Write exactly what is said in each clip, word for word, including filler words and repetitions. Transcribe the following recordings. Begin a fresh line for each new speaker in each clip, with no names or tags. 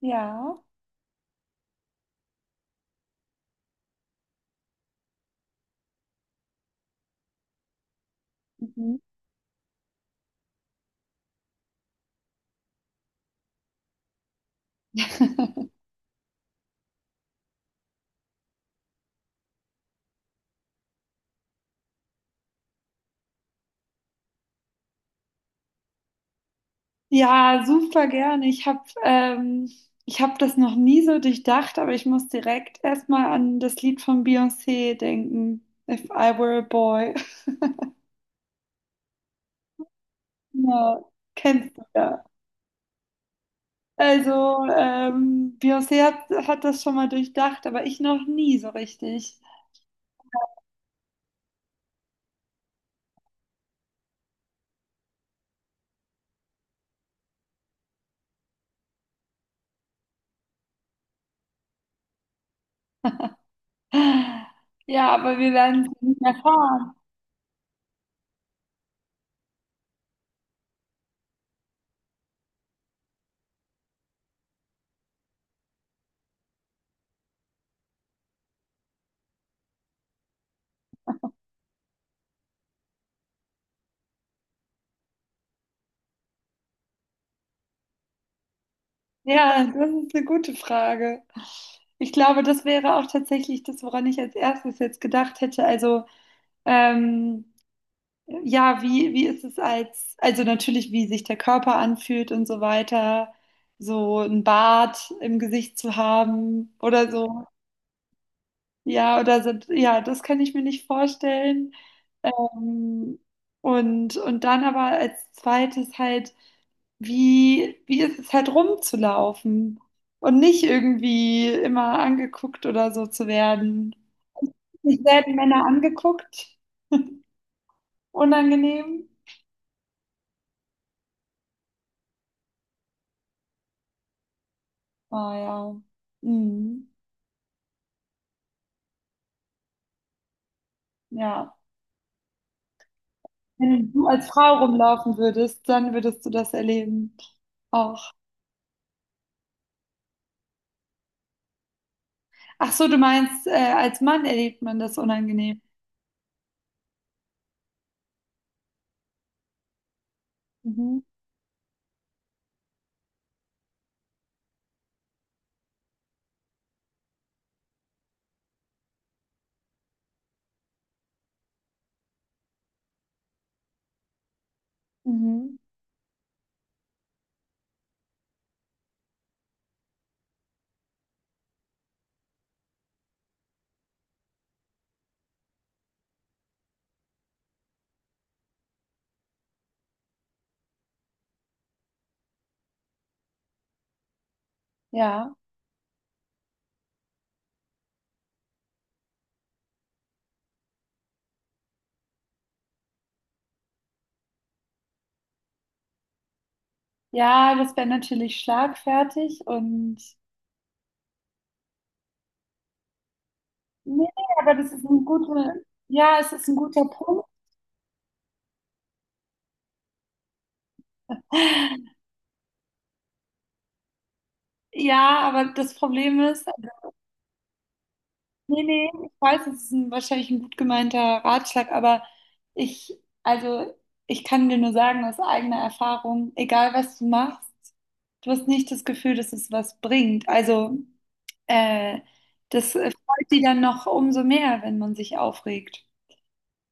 Ja. Mhm. Ja, super gerne. Ich habe ähm, ich hab das noch nie so durchdacht, aber ich muss direkt erstmal an das Lied von Beyoncé denken. If I Were a Boy. Ja, kennst du ja. Also, ähm, Beyoncé hat, hat das schon mal durchdacht, aber ich noch nie so richtig. Ja, aber wir werden es nicht erfahren. Ja, das ist eine gute Frage. Ich glaube, das wäre auch tatsächlich das, woran ich als erstes jetzt gedacht hätte. Also, ähm, ja, wie, wie ist es als, also natürlich, wie sich der Körper anfühlt und so weiter, so ein Bart im Gesicht zu haben oder so. Ja, oder so, ja, das kann ich mir nicht vorstellen. Ähm, und, und dann aber als zweites halt wie, wie ist es halt rumzulaufen und nicht irgendwie immer angeguckt oder so zu werden. Nicht selten Männer angeguckt, unangenehm. Ah ja. Mhm. Ja. Wenn du als Frau rumlaufen würdest, dann würdest du das erleben auch. Ach so, du meinst, äh, als Mann erlebt man das unangenehm. Mhm. Mhm. Ja. Ja, das wäre natürlich schlagfertig und nee, aber das ist ein guter, ja, es ist ein guter Punkt. Ja, aber das Problem ist, also, nee, nee, ich weiß, es ist ein, wahrscheinlich ein gut gemeinter Ratschlag, aber ich, also ich kann dir nur sagen aus eigener Erfahrung, egal was du machst, du hast nicht das Gefühl, dass es was bringt. Also äh, das äh, freut die dann noch umso mehr, wenn man sich aufregt.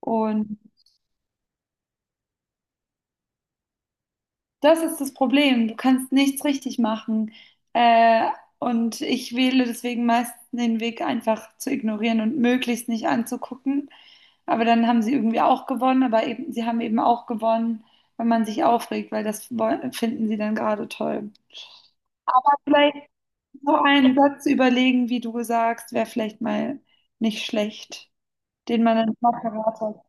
Und das ist das Problem. Du kannst nichts richtig machen. Äh, und ich wähle deswegen meist den Weg, einfach zu ignorieren und möglichst nicht anzugucken. Aber dann haben sie irgendwie auch gewonnen, aber eben, sie haben eben auch gewonnen, wenn man sich aufregt, weil das woll- finden sie dann gerade toll. Vielleicht so einen Satz überlegen, wie du sagst, wäre vielleicht mal nicht schlecht, den man dann mal parat hat.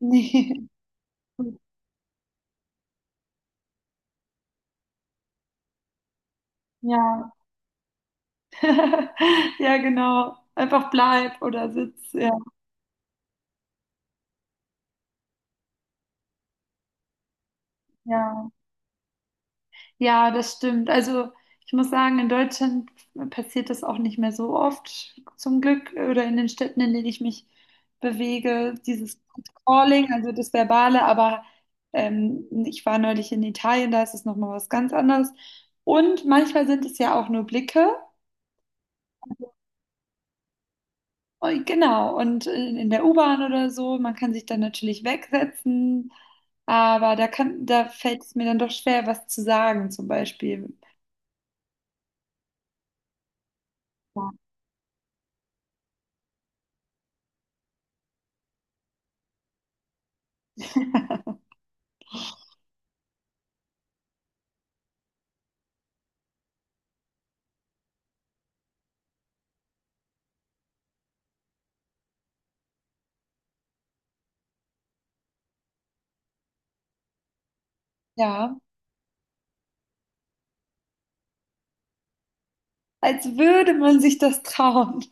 Nee. Ja. Ja, genau. Einfach bleib oder sitz. Ja. Ja, ja, das stimmt. Also ich muss sagen, in Deutschland passiert das auch nicht mehr so oft, zum Glück, oder in den Städten, in denen ich mich bewege, dieses Calling, also das Verbale, aber ähm, ich war neulich in Italien, da ist es nochmal was ganz anderes. Und manchmal sind es ja auch nur Blicke. Und, genau, und in, in der U-Bahn oder so, man kann sich dann natürlich wegsetzen, aber da kann, da fällt es mir dann doch schwer, was zu sagen, zum Beispiel. Ja. Ja. Als würde man sich das trauen.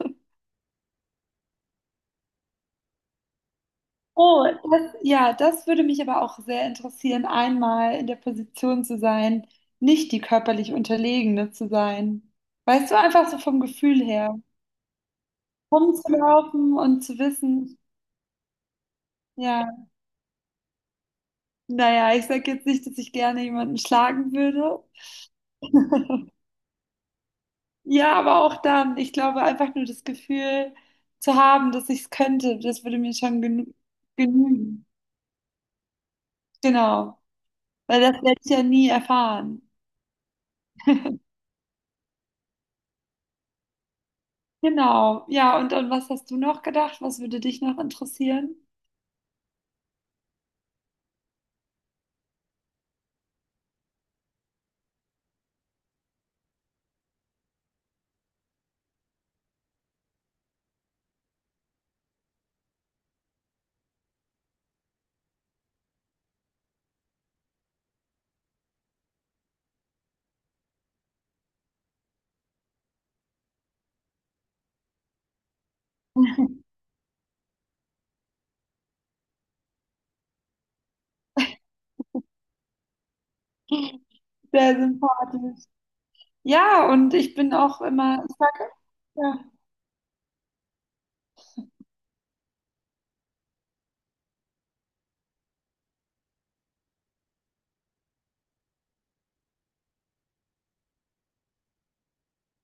Oh, das, ja, das würde mich aber auch sehr interessieren, einmal in der Position zu sein, nicht die körperlich Unterlegene zu sein. Weißt du, einfach so vom Gefühl her, rumzulaufen und zu wissen, ja, naja, ich sage jetzt nicht, dass ich gerne jemanden schlagen würde. Ja, aber auch dann, ich glaube, einfach nur das Gefühl zu haben, dass ich es könnte, das würde mir schon genü genügen. Genau, weil das werde ich ja nie erfahren. Genau, ja, und, und was hast du noch gedacht? Was würde dich noch interessieren? Sehr sympathisch. Ja, und ich bin auch immer, ich sag, ja,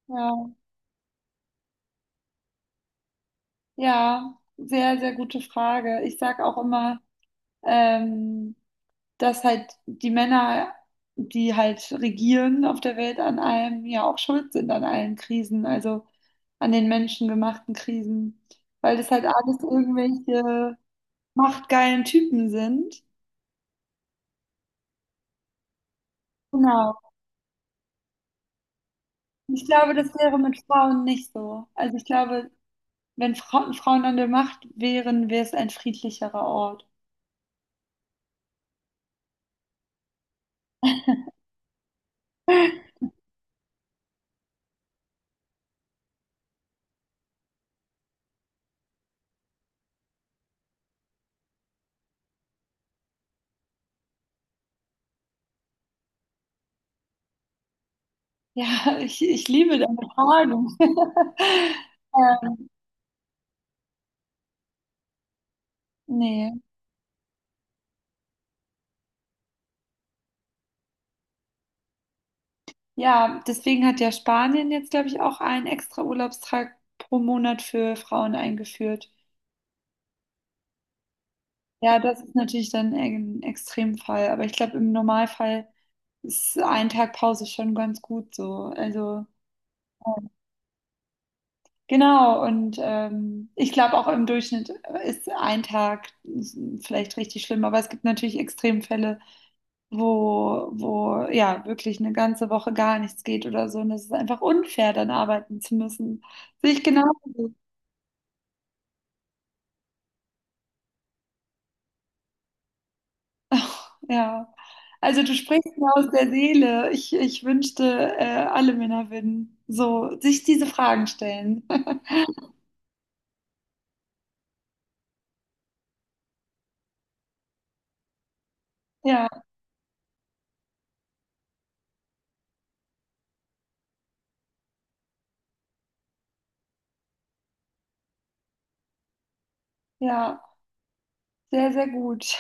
ja, ja, sehr, sehr gute Frage. Ich sag auch immer, ähm, dass halt die Männer, die halt regieren auf der Welt an allem, ja auch schuld sind an allen Krisen, also an den menschengemachten Krisen, weil das halt alles irgendwelche machtgeilen Typen sind. Genau. Ich glaube, das wäre mit Frauen nicht so. Also ich glaube, wenn Frauen, Frauen an der Macht wären, wäre es ein friedlicherer Ort. Ja, ich, ich liebe deine Frage. Ähm, nee. Ja, deswegen hat ja Spanien jetzt, glaube ich, auch einen extra Urlaubstag pro Monat für Frauen eingeführt. Ja, das ist natürlich dann ein Extremfall, aber ich glaube, im Normalfall ist ein Tag Pause schon ganz gut so. Also. Genau, und ähm, ich glaube auch im Durchschnitt äh, ist ein Tag vielleicht richtig schlimm, aber es gibt natürlich Extremfälle, wo, wo ja wirklich eine ganze Woche gar nichts geht oder so. Und es ist einfach unfair, dann arbeiten zu müssen. Sehe ich genau, ja. Also du sprichst mir aus der Seele. Ich, ich wünschte, äh, alle Männer würden so sich diese Fragen stellen. Ja, ja, sehr, sehr gut.